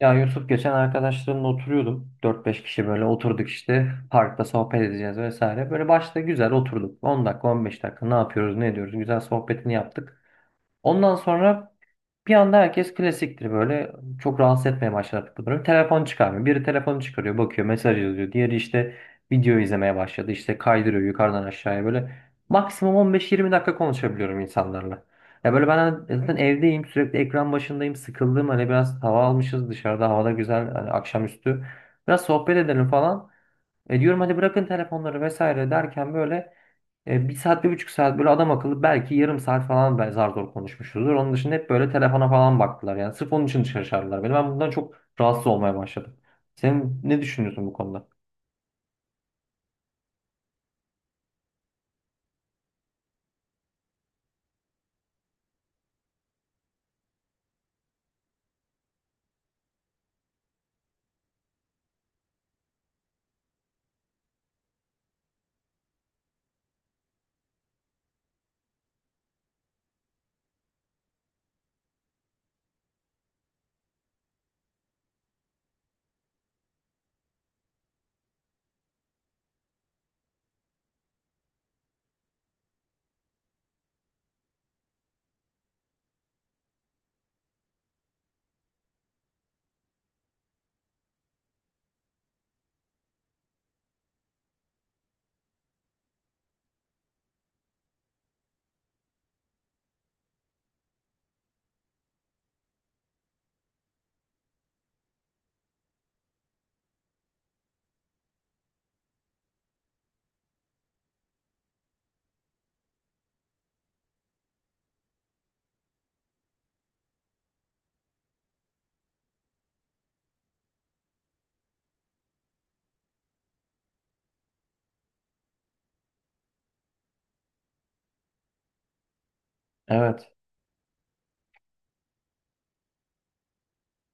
Ya Yusuf, geçen arkadaşlarımla oturuyordum. Dört beş kişi böyle oturduk işte. Parkta sohbet edeceğiz vesaire. Böyle başta güzel oturduk. 10 dakika, 15 dakika, ne yapıyoruz ne ediyoruz. Güzel sohbetini yaptık. Ondan sonra bir anda herkes klasiktir böyle. Çok rahatsız etmeye başladı bunları. Telefon çıkarmıyor. Biri telefonu çıkarıyor, bakıyor, mesaj yazıyor. Diğeri işte video izlemeye başladı. İşte kaydırıyor yukarıdan aşağıya böyle. Maksimum 15-20 dakika konuşabiliyorum insanlarla. Ya böyle ben zaten evdeyim, sürekli ekran başındayım, sıkıldım. Hani biraz hava almışız dışarıda, havada güzel, hani akşamüstü. Biraz sohbet edelim falan. E diyorum hadi bırakın telefonları vesaire derken böyle 1 saat, 1,5 saat böyle adam akıllı, belki yarım saat falan ben zar zor konuşmuşuzdur. Onun dışında hep böyle telefona falan baktılar. Yani sırf onun için dışarı çağırdılar beni. Ben bundan çok rahatsız olmaya başladım. Sen ne düşünüyorsun bu konuda? Evet.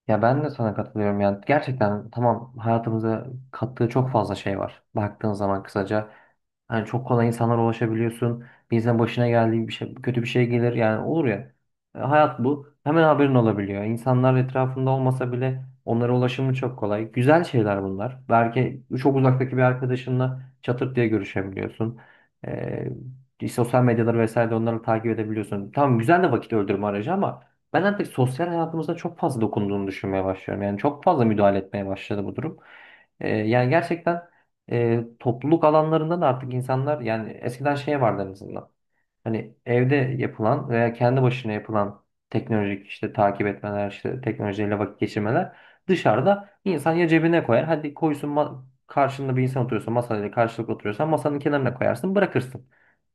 Ya ben de sana katılıyorum, yani gerçekten tamam, hayatımıza kattığı çok fazla şey var baktığın zaman. Kısaca hani çok kolay insanlara ulaşabiliyorsun. Bir insan, başına geldiği bir şey, kötü bir şey gelir yani, olur ya. Hayat bu, hemen haberin olabiliyor. İnsanlar etrafında olmasa bile onlara ulaşımı çok kolay. Güzel şeyler bunlar, belki çok uzaktaki bir arkadaşınla çatır diye görüşebiliyorsun, sosyal medyaları vesaire onları takip edebiliyorsun. Tamam güzel de, vakit öldürme aracı; ama ben artık sosyal hayatımızda çok fazla dokunduğunu düşünmeye başlıyorum. Yani çok fazla müdahale etmeye başladı bu durum. Yani gerçekten topluluk alanlarında da artık insanlar, yani eskiden şey vardı en azından. Hani evde yapılan veya kendi başına yapılan teknolojik işte takip etmeler, işte teknolojiyle vakit geçirmeler. Dışarıda insan ya cebine koyar. Hadi koysun, karşında bir insan oturuyorsa, masayla karşılıklı oturuyorsan masanın kenarına koyarsın, bırakırsın.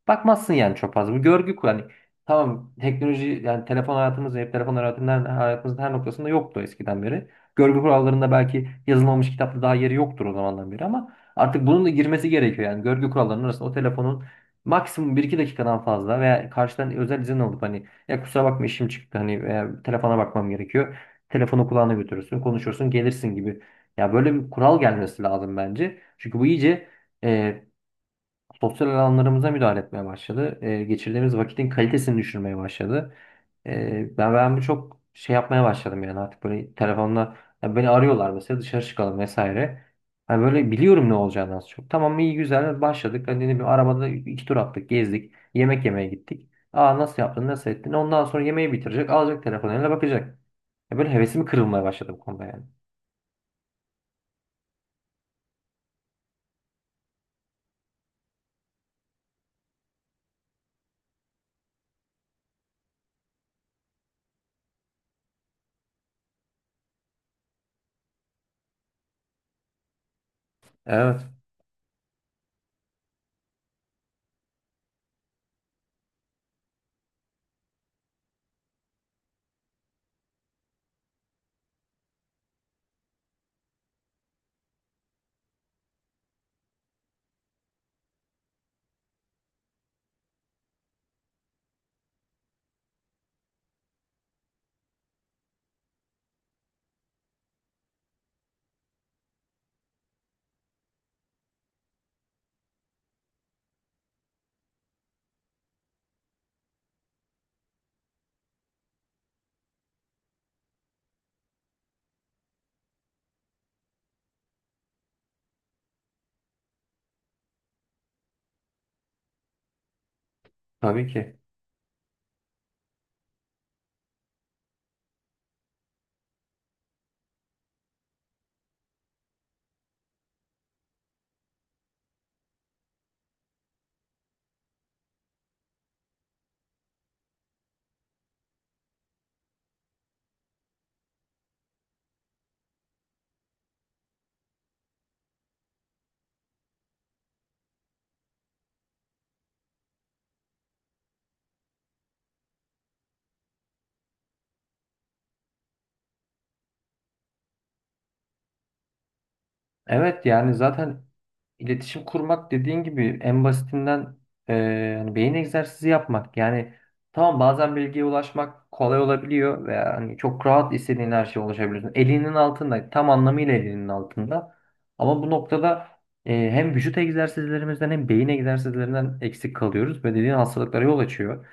Bakmazsın yani çok fazla. Bu görgü yani tamam, teknoloji yani telefon hayatımızda hep, telefon hayatımızın her noktasında yoktu eskiden beri. Görgü kurallarında belki yazılmamış, kitapta daha yeri yoktur o zamandan beri, ama artık bunun da girmesi gerekiyor yani görgü kurallarının arasında. O telefonun maksimum 1-2 dakikadan fazla, veya karşıdan özel izin alıp, hani ya kusura bakma işim çıktı, hani veya telefona bakmam gerekiyor. Telefonu kulağına götürürsün, konuşursun, gelirsin gibi. Ya böyle bir kural gelmesi lazım bence. Çünkü bu iyice sosyal alanlarımıza müdahale etmeye başladı. Geçirdiğimiz vakitin kalitesini düşürmeye başladı. Ben bu çok şey yapmaya başladım, yani artık böyle telefonla. Ya beni arıyorlar mesela, dışarı çıkalım vesaire. Hani böyle biliyorum ne olacağını az çok. Tamam iyi güzel başladık. Hani ne bileyim, arabada iki tur attık, gezdik, yemek yemeye gittik. Aa nasıl yaptın, nasıl ettin? Ondan sonra yemeği bitirecek, alacak telefonu eline bakacak. Ya böyle hevesim kırılmaya başladı bu konuda yani. Evet, tabii ki. Evet, yani zaten iletişim kurmak dediğin gibi en basitinden hani beyin egzersizi yapmak. Yani tamam, bazen bilgiye ulaşmak kolay olabiliyor ve hani çok rahat istediğin her şeye ulaşabiliyorsun. Elinin altında, tam anlamıyla elinin altında. Ama bu noktada hem vücut egzersizlerimizden hem beyin egzersizlerinden eksik kalıyoruz ve dediğin hastalıklara yol açıyor.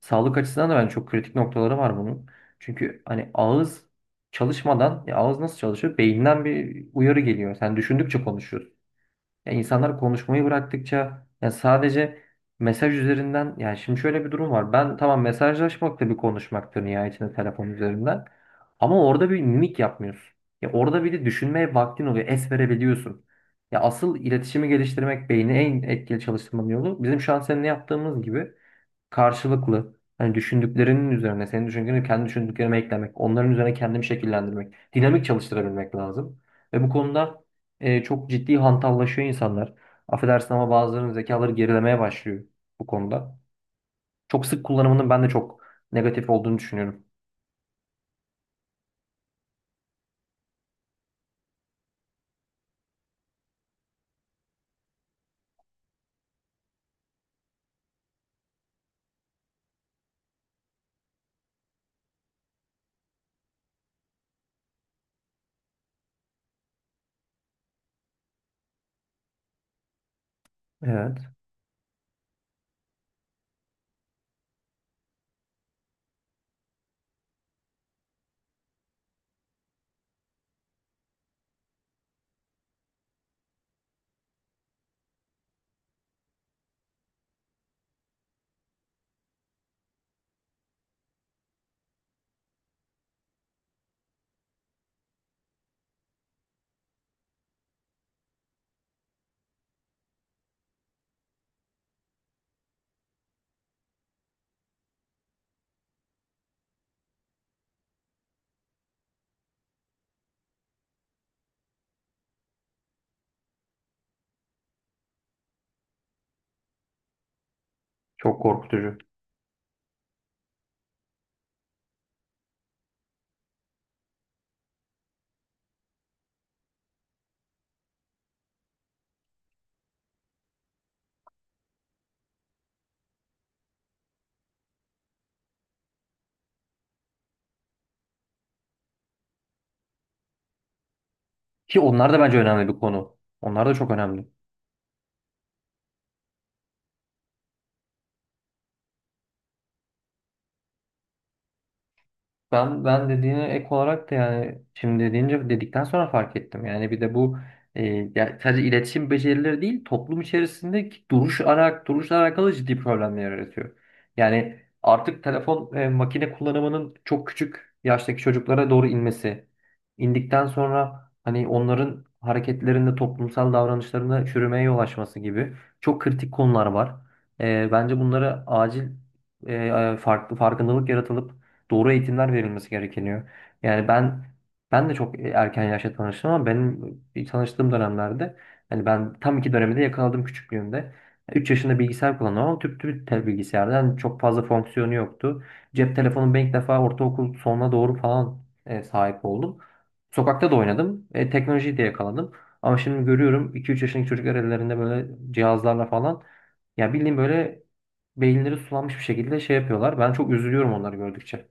Sağlık açısından da ben, çok kritik noktaları var bunun. Çünkü hani ağız çalışmadan ya, ağız nasıl çalışıyor? Beyinden bir uyarı geliyor. Sen düşündükçe konuşuyorsun. Ya insanlar konuşmayı bıraktıkça, ya sadece mesaj üzerinden, yani şimdi şöyle bir durum var. Ben tamam, mesajlaşmak da bir konuşmaktır nihayetinde, telefon üzerinden. Ama orada bir mimik yapmıyorsun. Ya orada bir de düşünmeye vaktin oluyor. Es verebiliyorsun. Ya asıl iletişimi geliştirmek, beyni en etkili çalıştırmanın yolu, bizim şu an seninle yaptığımız gibi karşılıklı, hani düşündüklerinin üzerine senin düşündüklerini kendi düşündüklerime eklemek, onların üzerine kendimi şekillendirmek, dinamik çalıştırabilmek lazım. Ve bu konuda çok ciddi hantallaşıyor insanlar. Affedersin ama bazılarının zekaları gerilemeye başlıyor bu konuda. Çok sık kullanımının ben de çok negatif olduğunu düşünüyorum. Evet, çok korkutucu. Ki onlar da bence önemli bir konu. Onlar da çok önemli. Ben dediğine ek olarak da, yani şimdi deyince, dedikten sonra fark ettim. Yani bir de bu, e, ya sadece iletişim becerileri değil, toplum içerisindeki duruşla alakalı ciddi problemler yaratıyor. Yani artık telefon, makine kullanımının çok küçük yaştaki çocuklara doğru inmesi, indikten sonra hani onların hareketlerinde, toplumsal davranışlarında çürümeye yol açması gibi çok kritik konular var. Bence bunları acil, farklı farkındalık yaratılıp doğru eğitimler verilmesi gerekiyor. Yani ben de çok erken yaşta tanıştım, ama benim tanıştığım dönemlerde hani ben tam iki dönemi de yakaladım küçüklüğümde. 3 yaşında bilgisayar kullanıyorum, ama tüp tüp tel bilgisayardan, yani çok fazla fonksiyonu yoktu. Cep telefonum ben ilk defa ortaokul sonuna doğru falan sahip oldum. Sokakta da oynadım. Teknolojiyi de yakaladım. Ama şimdi görüyorum 2-3 yaşındaki çocuklar ellerinde böyle cihazlarla falan, ya bildiğin böyle beyinleri sulanmış bir şekilde şey yapıyorlar. Ben çok üzülüyorum onları gördükçe.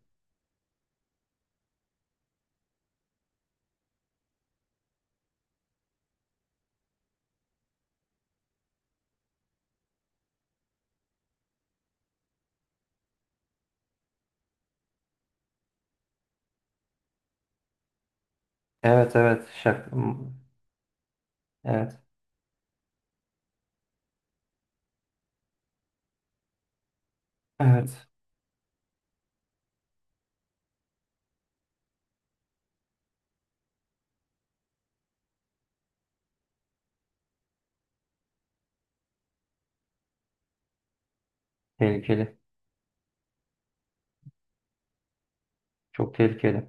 Evet, evet, evet, evet, tehlikeli, çok tehlikeli.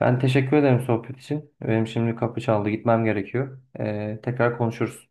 Ben teşekkür ederim sohbet için. Benim şimdi kapı çaldı, gitmem gerekiyor. Tekrar konuşuruz.